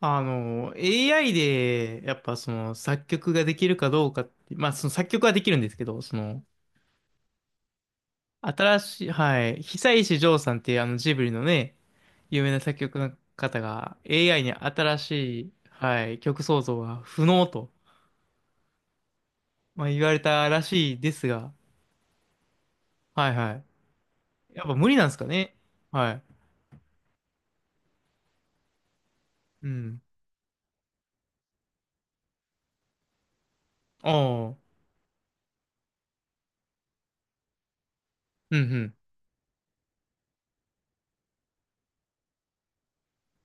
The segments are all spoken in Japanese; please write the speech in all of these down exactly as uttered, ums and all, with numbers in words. あの、エーアイ で、やっぱその作曲ができるかどうかって、まあその作曲はできるんですけど、その、新しい、はい、久石譲さんっていうあのジブリのね、有名な作曲の方が エーアイ に新しい、はい、曲創造が不能と、まあ、言われたらしいですが、はいはい。やっぱ無理なんですかね。はい。うん。ああ、うんうん。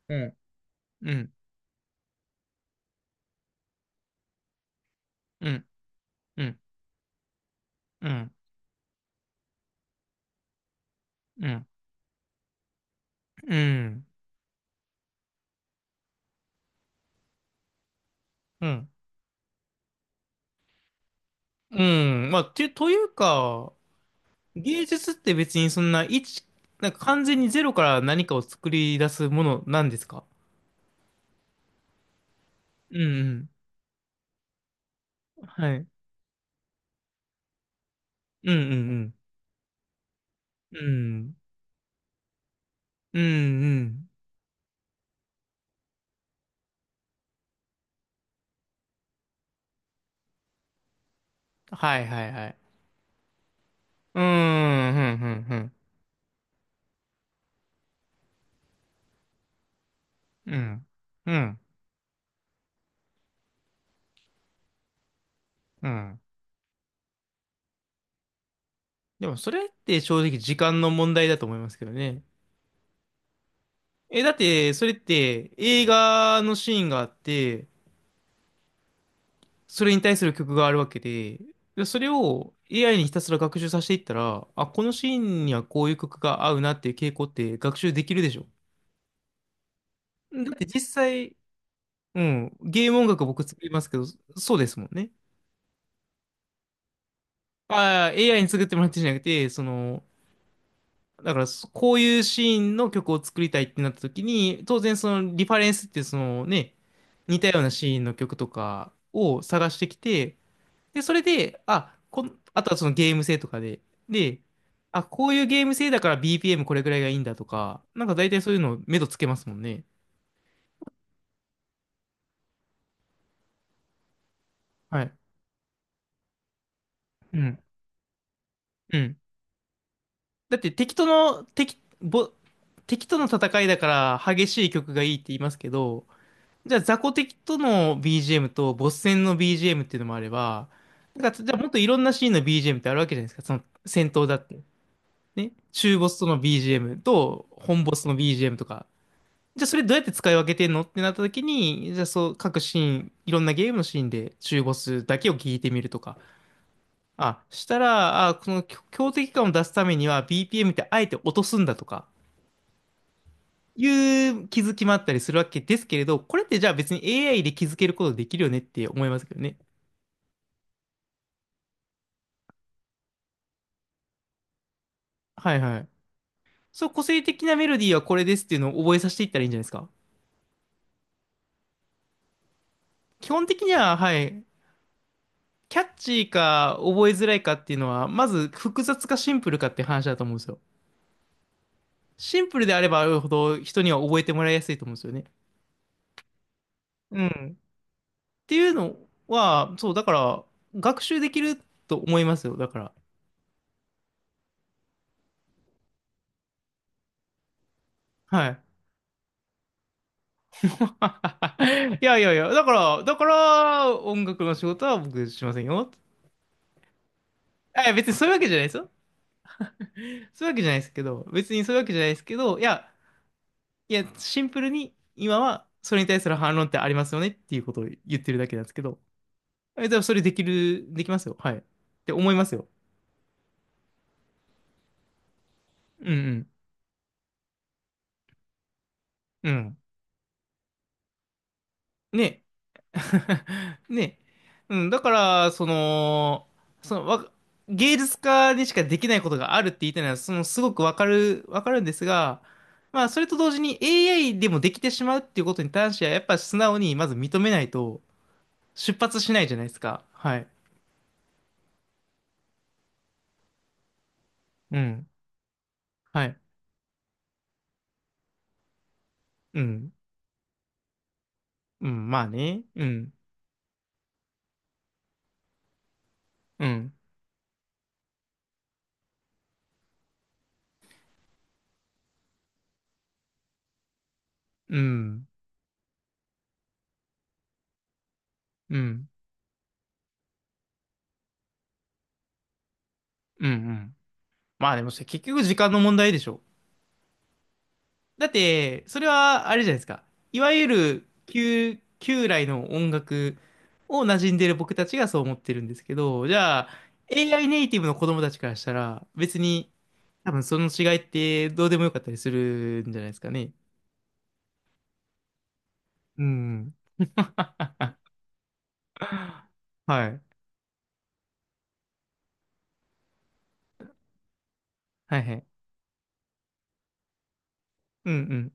うん。うん。うん。うん。うん。うん。うん。うん。うんまあ、て、というか、芸術って別にそんな一、なんか完全にゼロから何かを作り出すものなんですか？うんうん。はい。うんうんうん。うん。うんうん。はいはいはい。うーん、うんうんうん。うん。うん。うん。でもそれって正直時間の問題だと思いますけどね。え、だってそれって映画のシーンがあって、それに対する曲があるわけで、でそれを エーアイ にひたすら学習させていったら、あ、このシーンにはこういう曲が合うなっていう傾向って学習できるでしょ。だって実際、うん、ゲーム音楽僕作りますけど、そうですもんね。ああ、エーアイ に作ってもらってんじゃなくて、その、だからそこういうシーンの曲を作りたいってなった時に、当然そのリファレンスってそのね、似たようなシーンの曲とかを探してきて、で、それで、あ、こん、あとはそのゲーム性とかで、で、あ、こういうゲーム性だから ビーピーエム これぐらいがいいんだとか、なんか大体そういうの目処つけますもんね。はい。うん。うん。だって敵との、敵、ぼ、敵との戦いだから激しい曲がいいって言いますけど、じゃあ雑魚敵との ビージーエム とボス戦の ビージーエム っていうのもあれば、なんかじゃあもっといろんなシーンの ビージーエム ってあるわけじゃないですか。その戦闘だって。ね。中ボスとの ビージーエム と本ボスの ビージーエム とか。じゃあそれどうやって使い分けてんのってなった時に、じゃあそう各シーン、いろんなゲームのシーンで中ボスだけを聞いてみるとか。あ、したら、あ、この強強敵感を出すためには ビーピーエム ってあえて落とすんだとか、いう気づきもあったりするわけですけれど、これってじゃあ別に エーアイ で気づけることできるよねって思いますけどね。はいはい。そう、個性的なメロディーはこれですっていうのを覚えさせていったらいいんじゃないですか。基本的には、はい、キャッチーか覚えづらいかっていうのは、まず複雑かシンプルかって話だと思うんですよ。シンプルであればあるほど人には覚えてもらいやすいと思うんですよね。うん。っていうのは、そう、だから、学習できると思いますよ。だから。はい。いやいやいや、だから、だから、音楽の仕事は僕しませんよ。あ、いや別にそういうわけじゃないですよ。そういうわけじゃないですけど、別にそういうわけじゃないですけど、いや、いや、シンプルに今はそれに対する反論ってありますよねっていうことを言ってるだけなんですけど、え、でもそれできる、できますよ。はい。って思いますよ。うんうん。うん。ね。ね。うん、だから、その、その、わ、芸術家にしかできないことがあるって言いたいのは、その、すごくわかる、わかるんですが、まあ、それと同時に エーアイ でもできてしまうっていうことに関しては、やっぱ素直にまず認めないと出発しないじゃないですか。はい。うん。はい。うん。うん。まあね。うん。うん。うん。うん。うん。うん。まあでも、結局時間の問題でしょ。だって、それはあれじゃないですか。いわゆる旧、旧来の音楽を馴染んでる僕たちがそう思ってるんですけど、じゃあ、エーアイ ネイティブの子供たちからしたら、別に多分その違いってどうでもよかったりするんじゃないですかね。うん。はい。はいはい。うんうん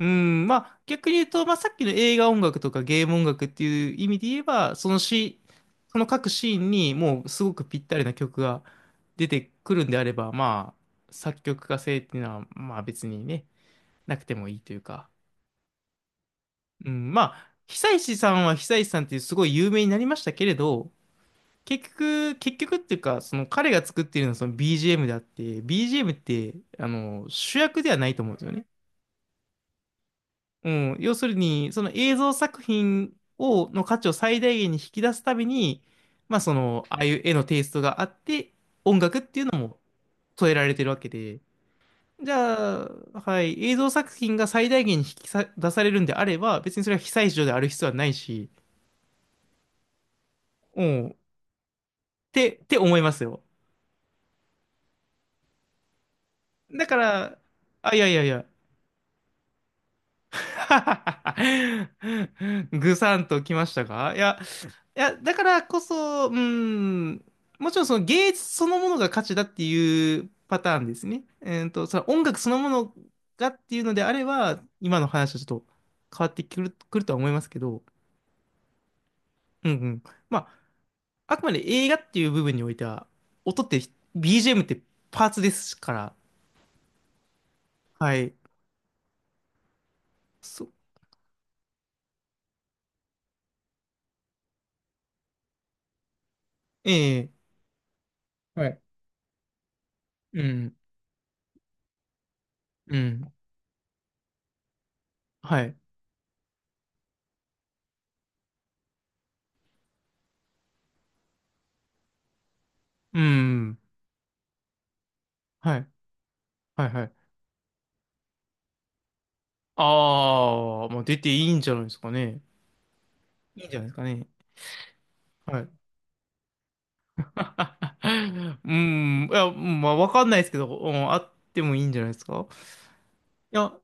うん、まあ逆に言うと、まあさっきの映画音楽とかゲーム音楽っていう意味で言えば、そのシーその各シーンにもうすごくぴったりな曲が出てくるんであれば、まあ作曲家性っていうのはまあ別にね、なくてもいいというか。うん、まあ久石さんは久石さんっていうすごい有名になりましたけれど、結局、結局っていうか、その彼が作っているのはその ビージーエム であって、ビージーエム ってあの主役ではないと思うんですよね。うん、要するに、その映像作品を、の価値を最大限に引き出すために、まあその、ああいう絵のテイストがあって、音楽っていうのも添えられてるわけで、じゃあ、はい、映像作品が最大限に引きさ出されるんであれば、別にそれは被災地である必要はないし、うん、ってって思いますよ。だから、あ、いやいやいや、ぐさんときましたか、いや、いや、だからこそ、うん、もちろんその芸術そのものが価値だっていうパターンですね。えーと、その音楽そのものがっていうのであれば、今の話はちょっと変わってくる、くるとは思いますけど、うんうん。まあ、あくまで映画っていう部分においては、音って、ビージーエム ってパーツですから、はい。そ、ええ、はい。うん、うん、はい。うん、はい、はい、はい。ああ、まあ出ていいんじゃないですかね。いいんじゃないですかね。はい。うん、いや、うんまあ、わかんないですけど、うん、あってもいいんじゃないですか。いや、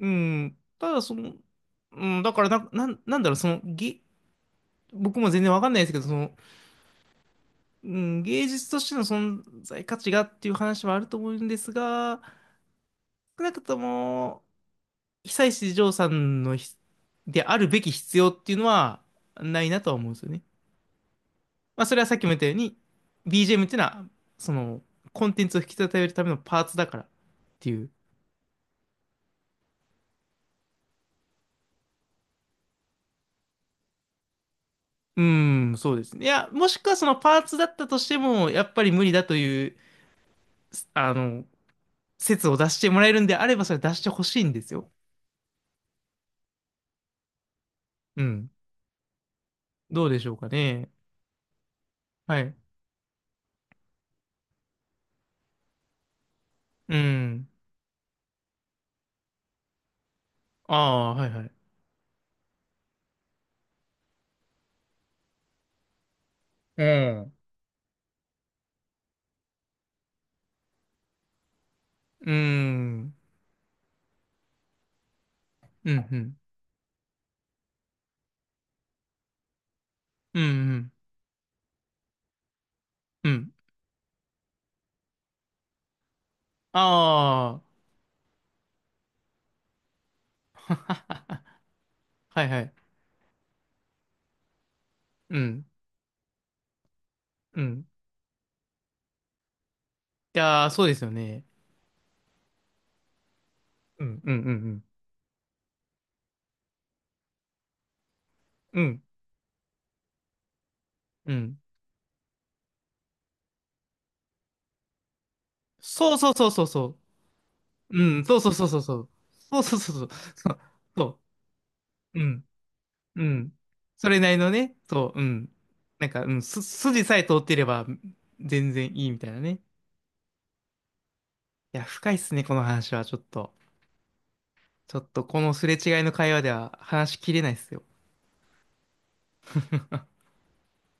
うん、ただその、うん、だからな、なん、なんだろう、その、げ、僕も全然わかんないですけど、その、うん、芸術としての存在価値がっていう話はあると思うんですが、少なくとも、久石譲さんのひ、であるべき必要っていうのはないなとは思うんですよね。まあ、それはさっきも言ったように、ビージーエム っていうのは、その、コンテンツを引き立てるためのパーツだからっていう。うーん、そうですね。いや、もしくはそのパーツだったとしても、やっぱり無理だという、あの、説を出してもらえるんであれば、それ出してほしいんですよ。うん。どうでしょうかね。はい。うん。ああ、はいはい。うん。うん。うん、うん。うん、うん。うん。ああ、はいはい。うん。うん。いやー、そうですよね。うん、うん、うん、うん。うんうん。そうそうそうそうそう。うん、そうそうそうそうそう。そうそうそうそう。そう、そううん、うん。それなりのね、そう、うん。なんか、うん、す、筋さえ通ってれば全然いいみたいなね。いや、深いっすね、この話は、ちょっと。ちょっと、このすれ違いの会話では話しきれないっすよ。